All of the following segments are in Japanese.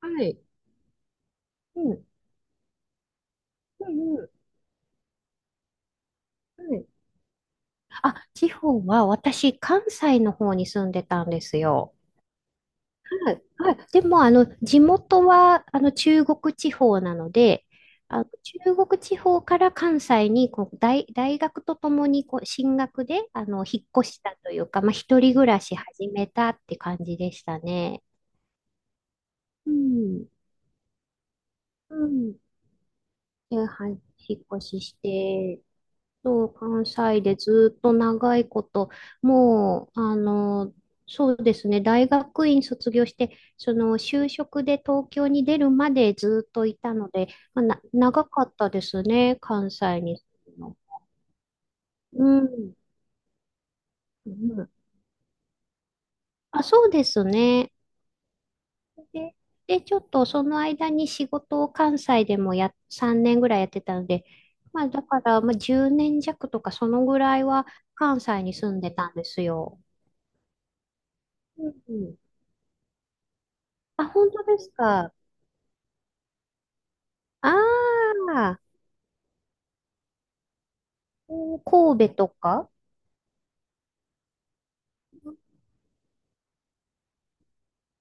はい。うん。うんうん。はい。地方は私、関西の方に住んでたんですよ。はい。はい。でも、地元は、中国地方なので、中国地方から関西にこう大学とともにこう進学で、引っ越したというか、まあ、一人暮らし始めたって感じでしたね。うん。うん。で、はい、引っ越しして、そう、関西でずっと長いこと、もう、そうですね、大学院卒業して、その就職で東京に出るまでずっといたので、まあ、長かったですね、関西に住むの。うん。うん。あ、そうですね。で、で、ちょっとその間に仕事を関西でも3年ぐらいやってたので、まあ、だから、まあ、10年弱とかそのぐらいは関西に住んでたんですよ。うん。あ、本当ですか。ああ、神戸とか。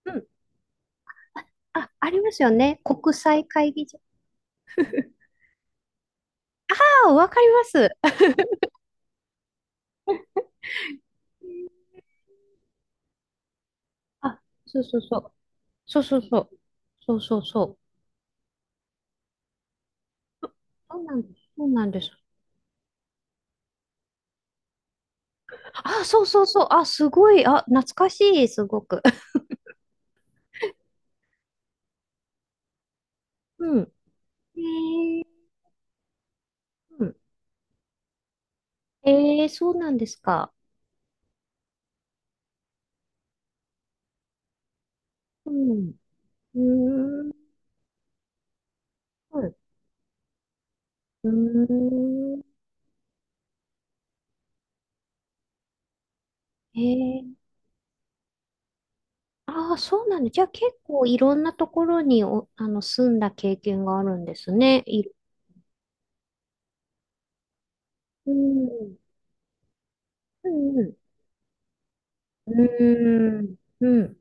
うん。あ、ありますよね。国際会議場。ああ、わかります。あ、そうそうそう。そうそうそう。そうそうそう。そうなんです。そうなんです。あ、そうそうそう。あ、すごい。あ、懐かしい、すごく。うん。えー、うん。えー、そうなんですか。うん。うーん。うーん。えー。ああ、そうなんだ。じゃあ結構いろんなところにお、あの、住んだ経験があるんですね。うん、うん、うん、うん。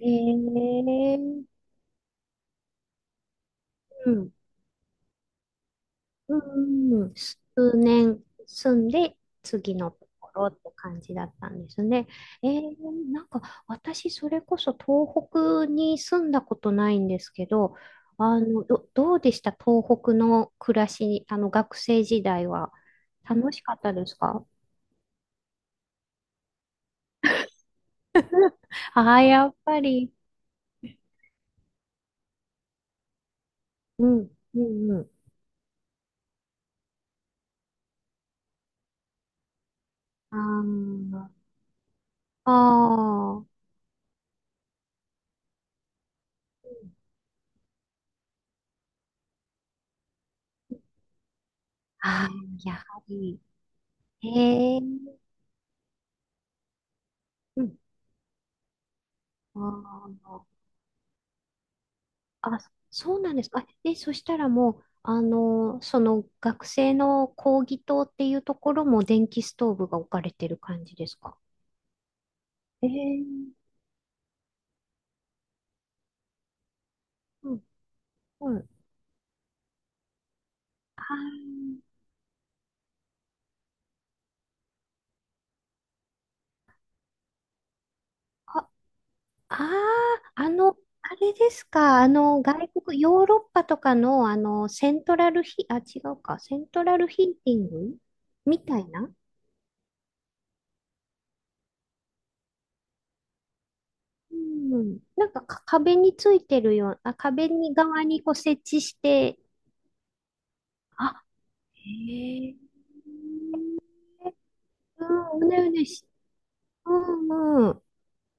へえ、うん、うん。数年住んで、次のところって感じだったんですね。えー、なんか私、それこそ東北に住んだことないんですけど、あの、どうでした東北の暮らし、あの、学生時代は。楽しかったですか？ああ、やっぱり。うん、うん、うん。あー。あー、あねー、やはり。へえ。うん。あー。あ、そうなんですか。そしたらもう、あの、その学生の講義棟っていうところも電気ストーブが置かれてる感じですか？えー、うん、うん。あー。あ。ああ、あの、あれですか。あの、外国、ヨーロッパとかの、セントラルヒーティングみたいな。うん。なんか壁についてるような、壁に側にこう設置して、あ、へえ。うん、うねうねし、うんうん。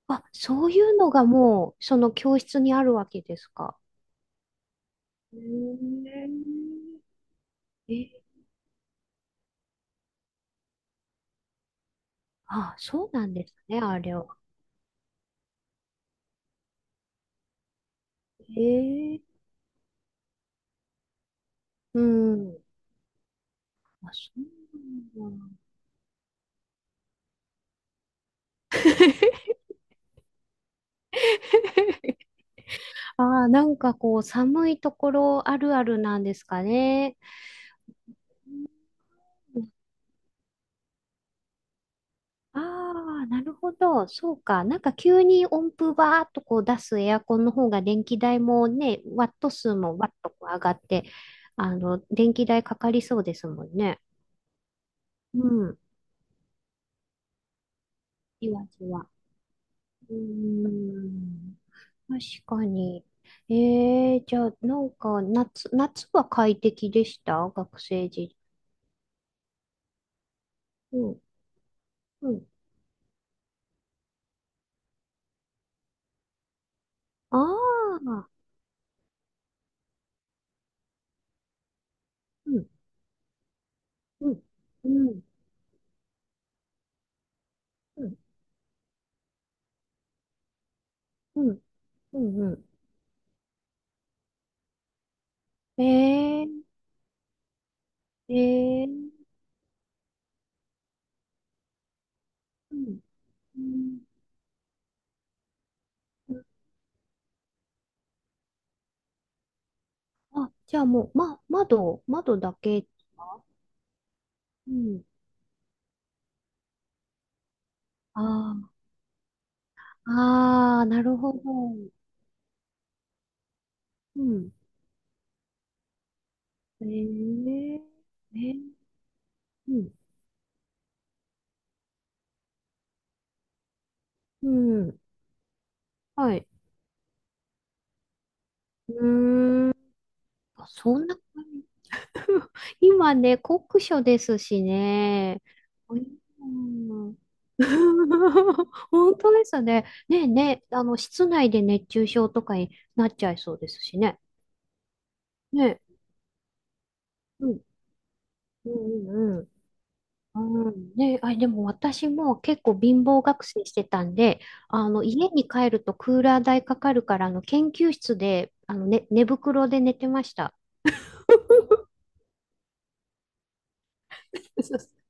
あ、そういうのがもう、その教室にあるわけですか？へえ。え、あ、そうなんですね、あれは。へえ。うん。あ、そうなんだ。あー、なんかこう、寒いところあるあるなんですかね。ああ、なるほど。そうか。なんか急に温風バーっとこう出すエアコンの方が電気代もね、ワット数もワッとこう上がって、あの、電気代かかりそうですもんね。うん。じわじわ。うーん。確かに。えー、じゃあ、なんか夏は快適でした学生時？うん。うん。ああ。うん、うん、うん、うん、うん、うん、うん。えー、えー、うん、うん。あ、じゃあもう、ま、窓だけ。うん。ああ、ああ、なるほど。うん。えー、えー、うん、うん。はい。うーん。あそんな感じ。 今ね、酷暑ですしね。うん。 本当ですね。ねえねえ、あの、室内で熱中症とかになっちゃいそうですしね。ねえ、うん、うん、うん、うん。ねえ、あ、でも私も結構貧乏学生してたんで、あの、家に帰るとクーラー代かかるから、あの、研究室で、あの、ね、寝袋で寝てました。そうそう。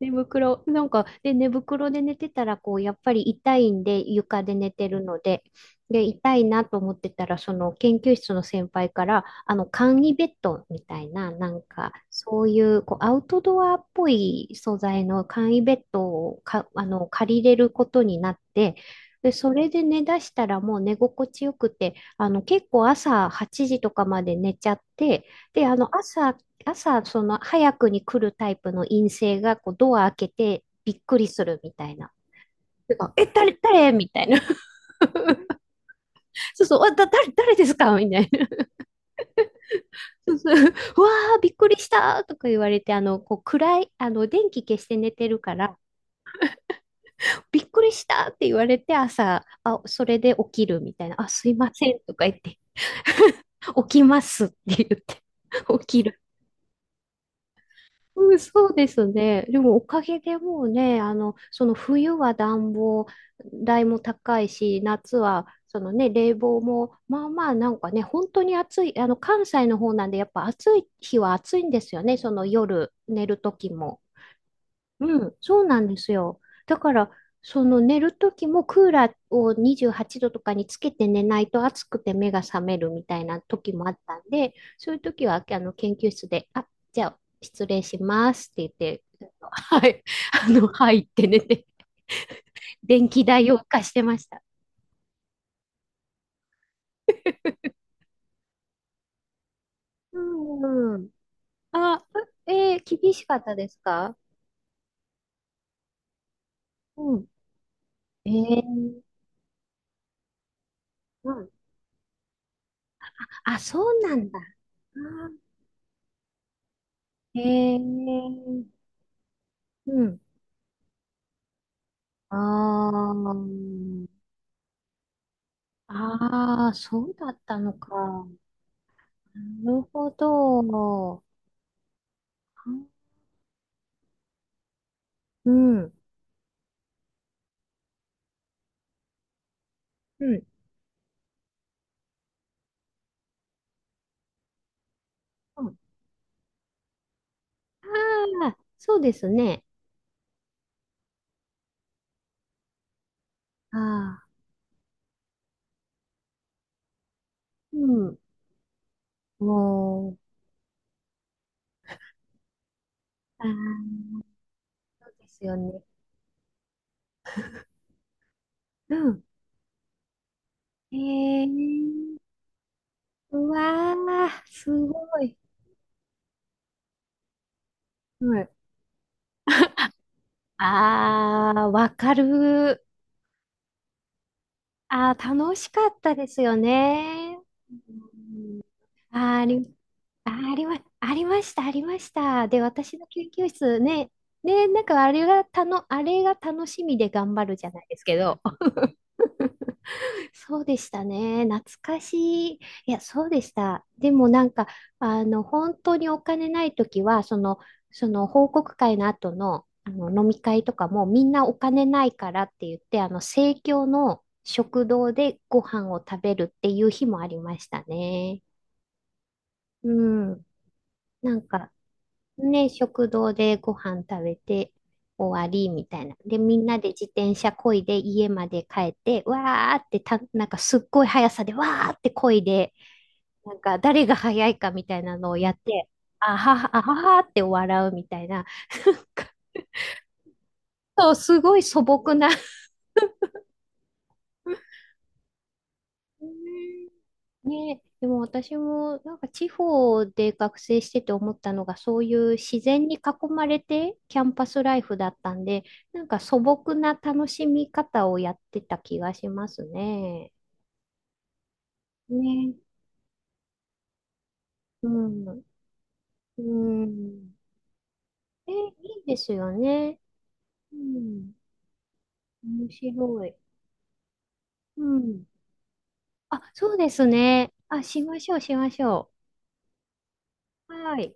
寝袋、なんか、で、寝袋で寝てたら、こう、やっぱり痛いんで、床で寝てるので、で、痛いなと思ってたら、その研究室の先輩から、あの、簡易ベッドみたいな、なんか、そういう、こう、アウトドアっぽい素材の簡易ベッドをか、あの、借りれることになって、で、それで寝だしたらもう寝心地よくて、あの、結構朝8時とかまで寝ちゃって、で、あの、朝、その早くに来るタイプの陰性がこうドア開けてびっくりするみたいな。てかえ、誰みたいな。そうそう、あだ、誰ですかみたいな。そうそう。うわー、びっくりしたとか言われて、あの、こう暗い、あの、電気消して寝てるから、びっくりしたって言われて朝、あ、それで起きるみたいな。あ、すいませんとか言って、起きますって言って、起きる。うん、そうですね。でもおかげでもうね、あの、その冬は暖房代も高いし、夏はそのね、冷房も、まあまあなんかね、本当に暑い、あの、関西の方なんで、やっぱ暑い日は暑いんですよね、その夜寝る時も。うん、そうなんですよ。だから、その寝る時もクーラーを28度とかにつけて寝ないと暑くて目が覚めるみたいな時もあったんで、そういう時はあの研究室で、あ、じゃあ失礼しますって言って、はい、あの、はいって寝て、電気代を浮かしてました。うんうん。あ、えー、厳しかったですか？うん。えー、うん。あ、そうなんだ。あー。えー、うん。あー。あー、そうだったのか。なるほど。うん。うんうん。ああ、そうですね。ああ、うん。もう、ああ、そうですよね。うん。ええ。うわあ、すごい。うん。ああ、わかる。ああ、楽しかったですよね。ああ、ありあ、ありま、ありました、ありました。で、私の研究室ね、ね、なんかあれがたの、あれが楽しみで頑張るじゃないですけど、そうでしたね。懐かしい。いや、そうでした。でもなんか、あの、本当にお金ないときは、その報告会の後の、あの飲み会とかもみんなお金ないからって言って、あの、生協の食堂でご飯を食べるっていう日もありましたね。うん。なんか、ね、食堂でご飯食べて終わりみたいな。で、みんなで自転車漕いで家まで帰って、わーってた、なんかすっごい速さでわーって漕いで、なんか誰が速いかみたいなのをやって、あはは、あははって笑うみたいな。そう、すごい素朴な。うん。ね、でも私もなんか地方で学生してて思ったのがそういう自然に囲まれてキャンパスライフだったんで、なんか素朴な楽しみ方をやってた気がしますね。ね、うん、うん。え、いいですよね。うん、面白い。うん。あ、そうですね。あ、しましょう、しましょう。はい。